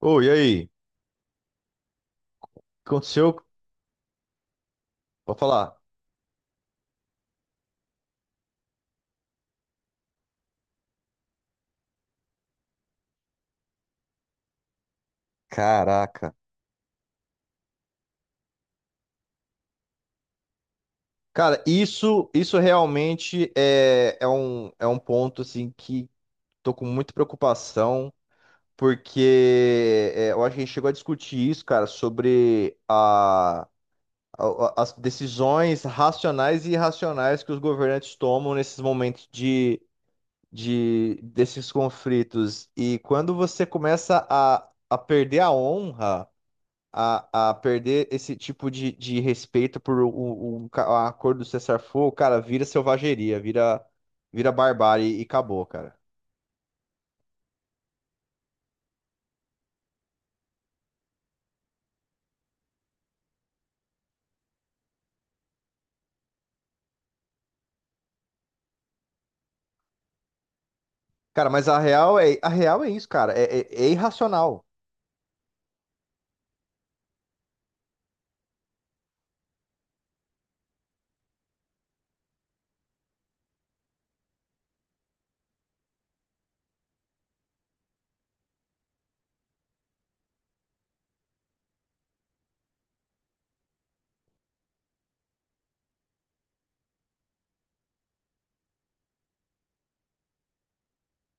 Ô, e aí? O que aconteceu? Pode falar. Caraca. Cara, isso realmente é um ponto assim que tô com muita preocupação, porque eu acho que a gente chegou a discutir isso, cara, sobre as decisões racionais e irracionais que os governantes tomam nesses momentos de desses conflitos. E quando você começa a perder a honra, a perder esse tipo de respeito por a cor do cessar-fogo, cara, vira selvageria, vira, vira barbárie e acabou, cara. Cara, mas a real é isso, cara. É irracional.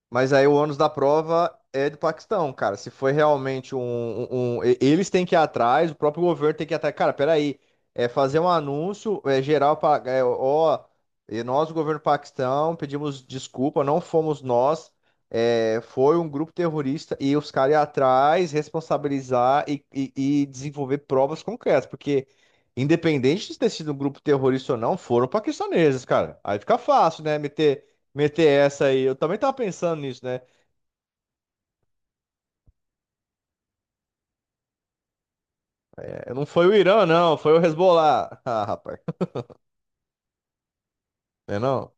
Mas aí o ônus da prova é do Paquistão, cara. Se foi realmente eles têm que ir atrás, o próprio governo tem que ir atrás. Cara, peraí. É fazer um anúncio é geral para. É, ó, e nós, o governo do Paquistão, pedimos desculpa, não fomos nós. É, foi um grupo terrorista e os caras ir atrás, responsabilizar e desenvolver provas concretas. Porque, independente de ter sido um grupo terrorista ou não, foram paquistaneses, cara. Aí fica fácil, né? Meter meter essa aí. Eu também tava pensando nisso, né? É, não foi o Irã, não, foi o Hezbollah. Ah, rapaz, não é não?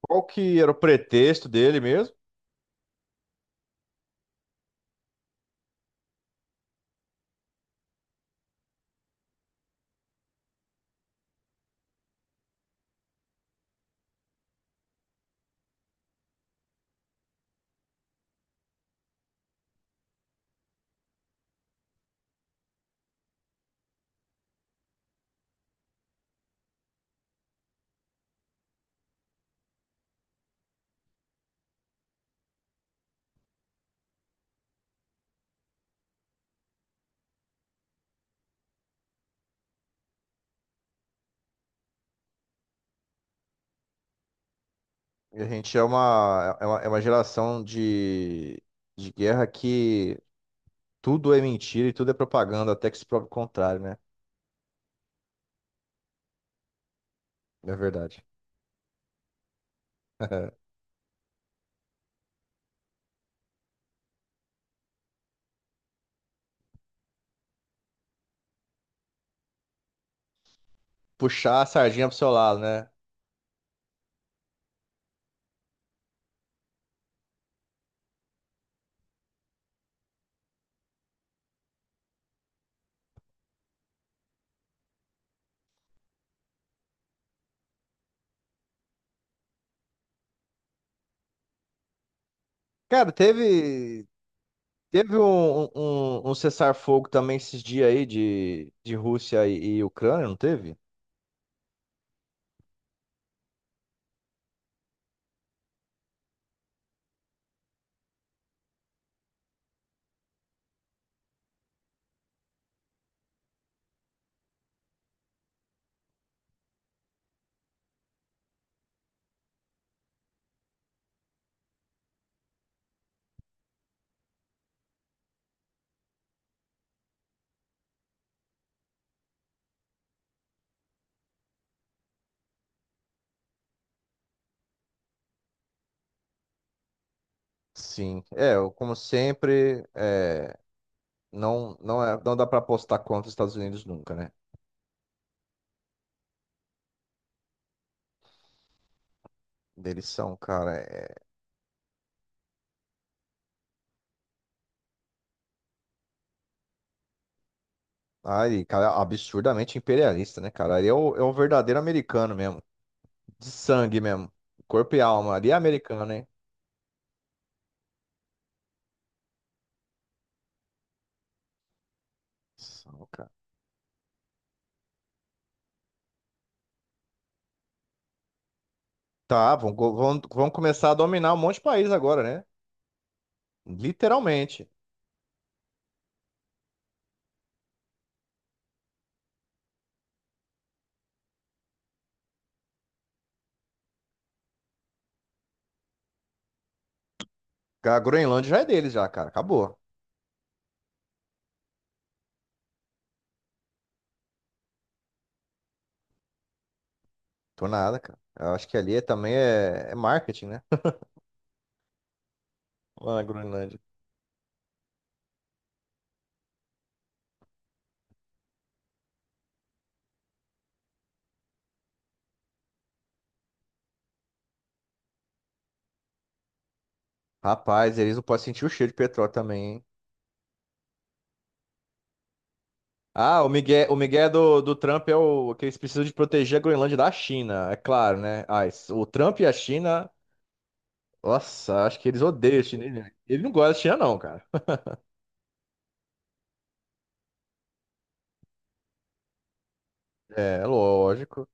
Qual que era o pretexto dele mesmo? A gente é é uma geração de guerra que tudo é mentira e tudo é propaganda, até que se prove o contrário, né? É verdade. Puxar a sardinha pro seu lado, né? Cara, teve um cessar-fogo também esses dias aí de Rússia e Ucrânia, não teve? Sim, é, eu, como sempre, é, não, não, é, não dá pra apostar contra os Estados Unidos nunca, né? Eles são, cara, cara, absurdamente imperialista, né, cara? Ele é é o verdadeiro americano mesmo, de sangue mesmo, corpo e alma, ali é americano, hein? São, cara. Tá, vão começar a dominar um monte de país agora, né? Literalmente. A Groenlândia já é deles já, cara, acabou. Tô nada, cara. Eu acho que ali é marketing, né? Lá na Groenlândia. Rapaz, eles não podem sentir o cheiro de petróleo também, hein? Ah, o Miguel do Trump é o que eles precisam de proteger a Groenlândia da China, é claro, né? Ah, isso- o Trump e a China, nossa, acho que eles odeiam a China. Ele não gosta da China, não, cara. É, lógico.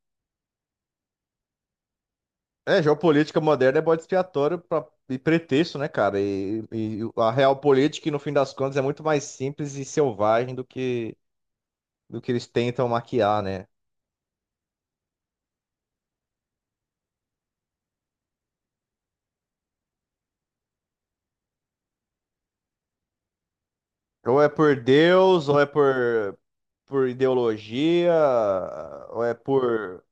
É, geopolítica moderna é bode expiatório pra, e pretexto, né, cara? E a real política, no fim das contas, é muito mais simples e selvagem do que eles tentam maquiar, né? Ou é por Deus, ou é por ideologia, ou é por.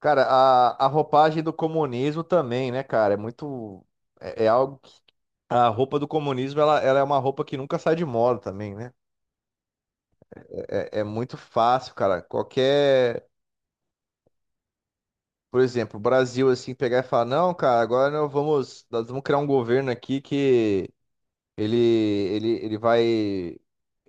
Cara, a roupagem do comunismo também, né, cara? É muito. É, é algo que. A roupa do comunismo, ela é uma roupa que nunca sai de moda também, né? É, é muito fácil, cara. Qualquer. Por exemplo, o Brasil, assim, pegar e falar: não, cara, agora nós vamos criar um governo aqui que ele vai.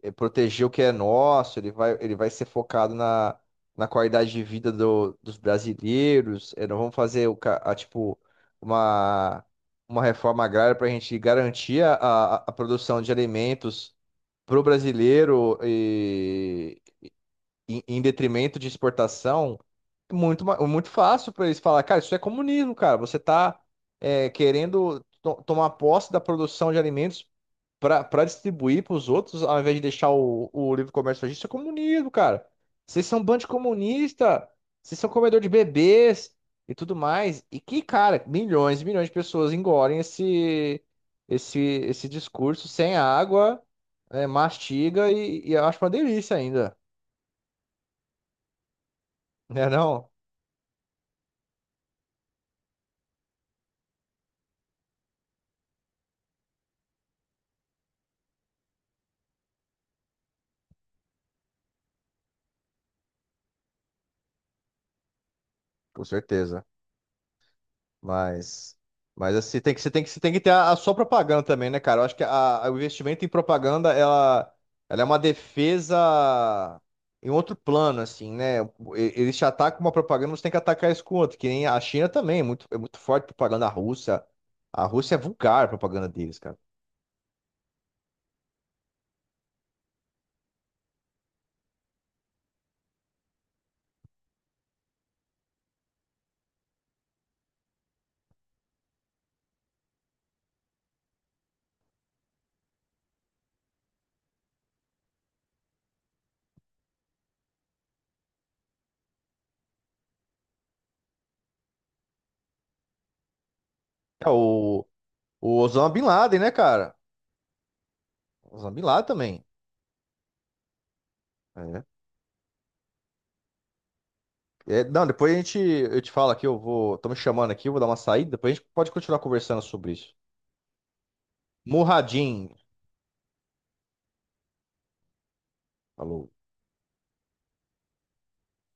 É, proteger o que é nosso, ele vai ser focado na, na qualidade de vida dos brasileiros. É, não vamos fazer o, ca- a, tipo uma, uma reforma agrária para a gente garantir a produção de alimentos para o brasileiro e, em detrimento de exportação. É muito, ma- muito fácil para eles falar, cara, isso é comunismo, cara. Você está querendo to- tomar posse da produção de alimentos para distribuir para os outros, ao invés de deixar o livre comércio agir, isso é comunismo, cara. Vocês são um bando de comunista, vocês são comedor de bebês e tudo mais. E que, cara, milhões e milhões de pessoas engolem esse discurso sem água, né, mastiga e eu acho uma delícia ainda, né não? Com certeza. Mas, mas assim, tem que, você tem que, você tem que ter a sua propaganda também, né, cara? Eu acho que a- o investimento em propaganda, ela é uma defesa em outro plano, assim, né? E- eles te atacam com uma propaganda, você tem que atacar isso com outra, que nem a China também, é muito forte a propaganda russa. A Rússia é vulgar a propaganda deles, cara. É, o Osama Bin Laden, né, cara? Osama Bin Laden também. É. É, não, depois a gente, eu te falo aqui, eu vou, tô me chamando aqui, eu vou dar uma saída, depois a gente pode continuar conversando sobre isso. Muradin, falou.